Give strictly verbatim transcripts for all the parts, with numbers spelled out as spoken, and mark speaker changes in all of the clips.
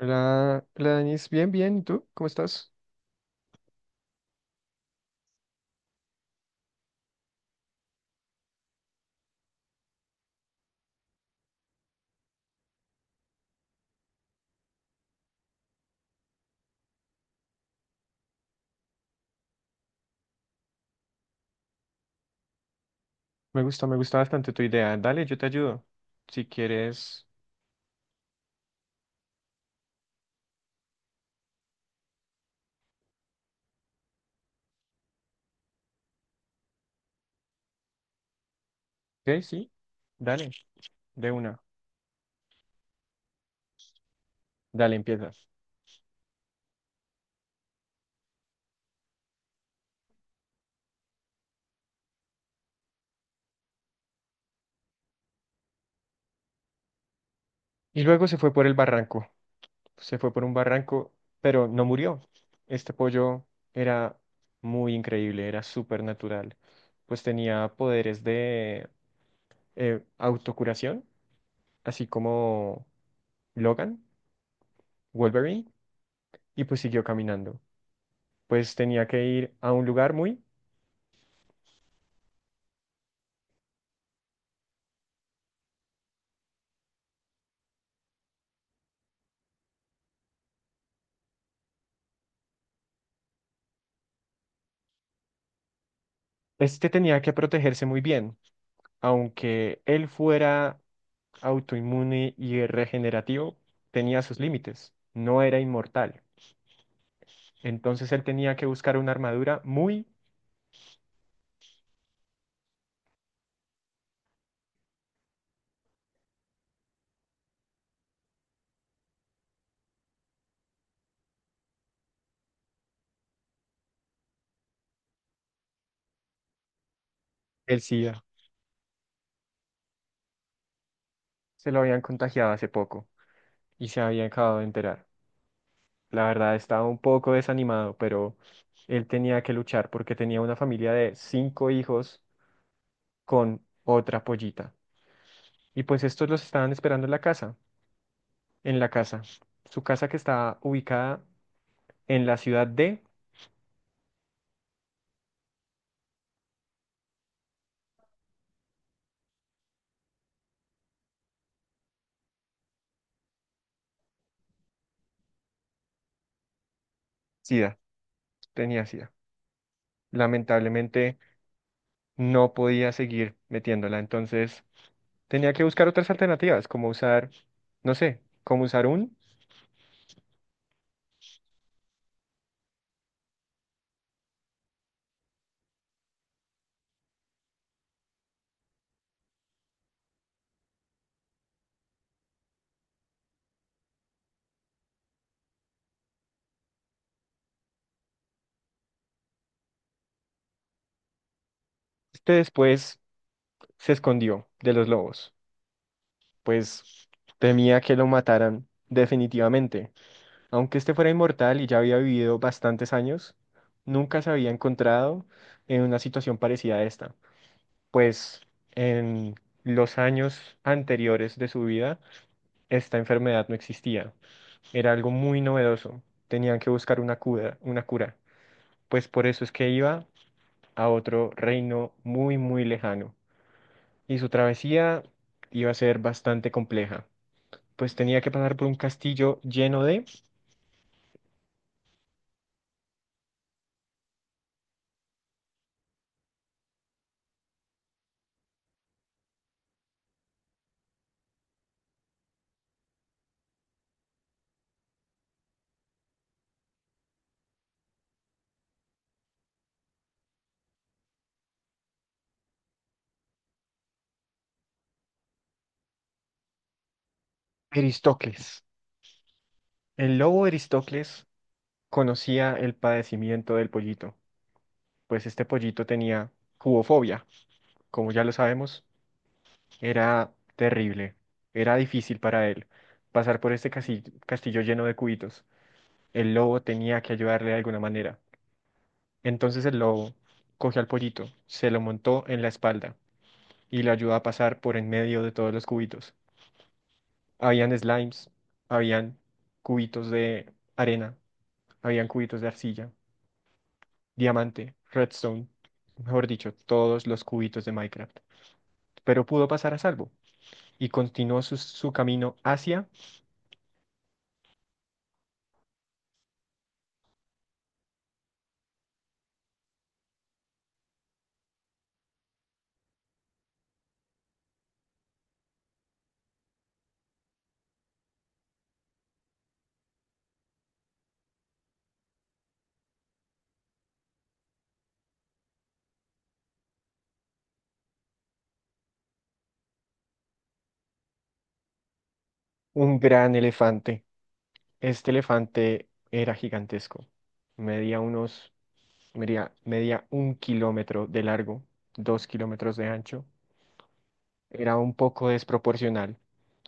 Speaker 1: Hola, hola Danis, bien, bien, ¿y tú? ¿Cómo estás? Me gusta, me gusta bastante tu idea. Dale, yo te ayudo. Si quieres. Ok, sí, dale, de una. Dale, empiezas. Y luego se fue por el barranco. Se fue por un barranco, pero no murió. Este pollo era muy increíble, era súper natural. Pues tenía poderes de eh, autocuración, así como Logan, Wolverine, y pues siguió caminando. Pues tenía que ir a un lugar muy. Este tenía que protegerse muy bien, aunque él fuera autoinmune y regenerativo, tenía sus límites, no era inmortal. Entonces él tenía que buscar una armadura muy. El SIDA. Se lo habían contagiado hace poco y se había acabado de enterar. La verdad estaba un poco desanimado, pero él tenía que luchar porque tenía una familia de cinco hijos con otra pollita. Y pues estos los estaban esperando en la casa. en la casa. Su casa que está ubicada en la ciudad de SIDA, tenía SIDA. Lamentablemente no podía seguir metiéndola, entonces tenía que buscar otras alternativas, como usar, no sé, como usar un. Este después se escondió de los lobos, pues temía que lo mataran definitivamente. Aunque este fuera inmortal y ya había vivido bastantes años, nunca se había encontrado en una situación parecida a esta. Pues en los años anteriores de su vida esta enfermedad no existía. Era algo muy novedoso. Tenían que buscar una cura, una cura. Pues por eso es que iba a otro reino muy, muy lejano. Y su travesía iba a ser bastante compleja. Pues tenía que pasar por un castillo lleno de Eristocles. El lobo Eristocles conocía el padecimiento del pollito, pues este pollito tenía cubofobia, como ya lo sabemos. Era terrible, era difícil para él pasar por este casi- castillo lleno de cubitos. El lobo tenía que ayudarle de alguna manera. Entonces el lobo cogió al pollito, se lo montó en la espalda y lo ayudó a pasar por en medio de todos los cubitos. Habían slimes, habían cubitos de arena, habían cubitos de arcilla, diamante, redstone, mejor dicho, todos los cubitos de Minecraft. Pero pudo pasar a salvo y continuó su su camino hacia un gran elefante. Este elefante era gigantesco. Medía unos, medía, medía un kilómetro de largo, dos kilómetros de ancho. Era un poco desproporcional,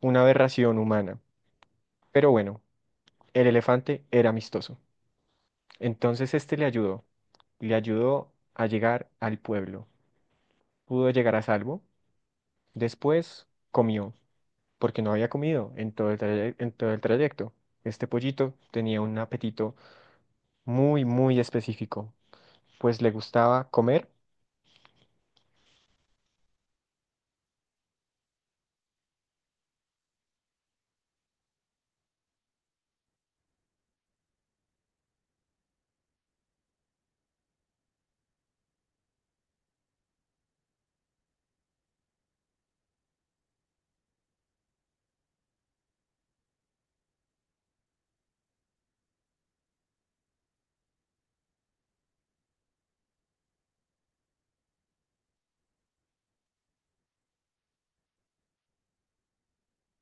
Speaker 1: una aberración humana. Pero bueno, el elefante era amistoso. Entonces este le ayudó, le ayudó a llegar al pueblo. Pudo llegar a salvo. Después comió, porque no había comido en todo el traye- en todo el trayecto. Este pollito tenía un apetito muy, muy específico. Pues le gustaba comer,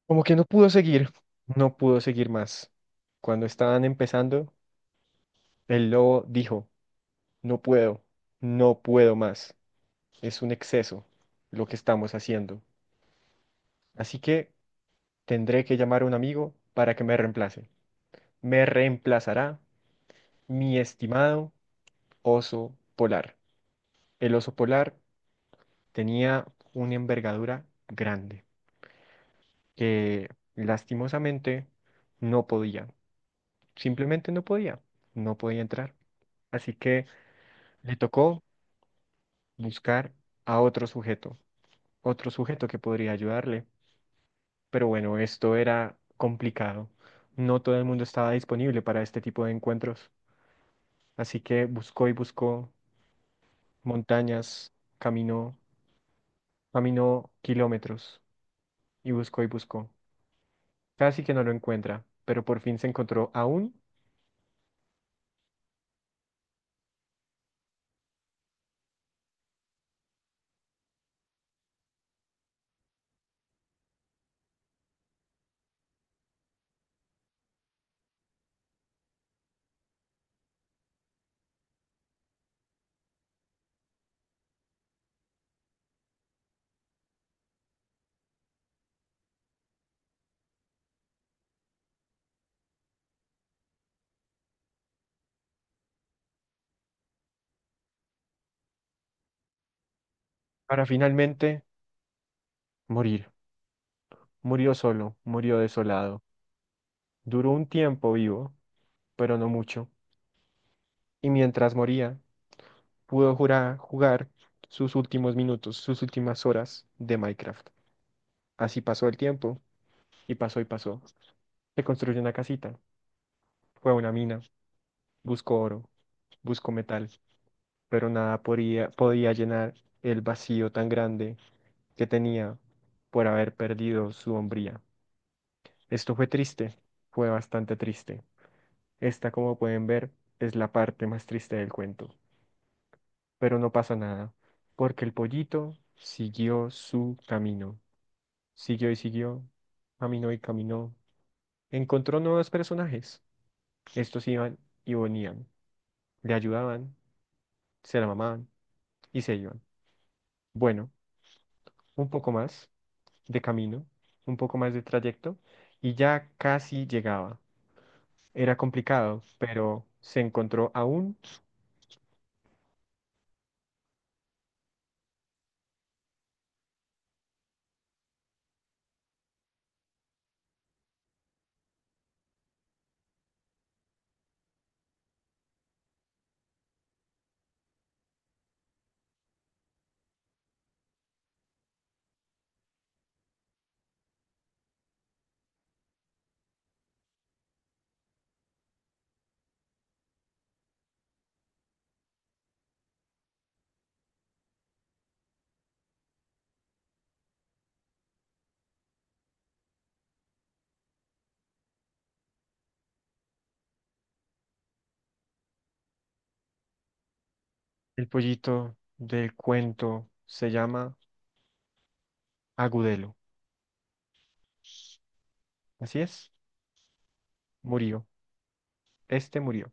Speaker 1: como que no pudo seguir, no pudo seguir más. Cuando estaban empezando, el lobo dijo, no puedo, no puedo más, es un exceso lo que estamos haciendo. Así que tendré que llamar a un amigo para que me reemplace. Me reemplazará mi estimado oso polar. El oso polar tenía una envergadura grande que lastimosamente no podía. Simplemente no podía, no podía entrar. Así que le tocó buscar a otro sujeto, otro sujeto que podría ayudarle. Pero bueno, esto era complicado. No todo el mundo estaba disponible para este tipo de encuentros. Así que buscó y buscó montañas, caminó, caminó kilómetros y buscó y buscó. Casi que no lo encuentra, pero por fin se encontró aún para finalmente morir. Murió solo, murió desolado. Duró un tiempo vivo pero no mucho. Y mientras moría, pudo jura- jugar sus últimos minutos, sus últimas horas de Minecraft. Así pasó el tiempo, y pasó y pasó. Se construyó una casita, fue a una mina, buscó oro, buscó metal, pero nada podía, podía llenar el vacío tan grande que tenía por haber perdido su hombría. Esto fue triste, fue bastante triste. Esta, como pueden ver, es la parte más triste del cuento. Pero no pasa nada, porque el pollito siguió su camino, siguió y siguió, caminó y caminó, encontró nuevos personajes, estos iban y venían, le ayudaban, se la mamaban y se iban. Bueno, un poco más de camino, un poco más de trayecto, y ya casi llegaba. Era complicado, pero se encontró aún el pollito del cuento, se llama Agudelo. Así es, murió, este murió.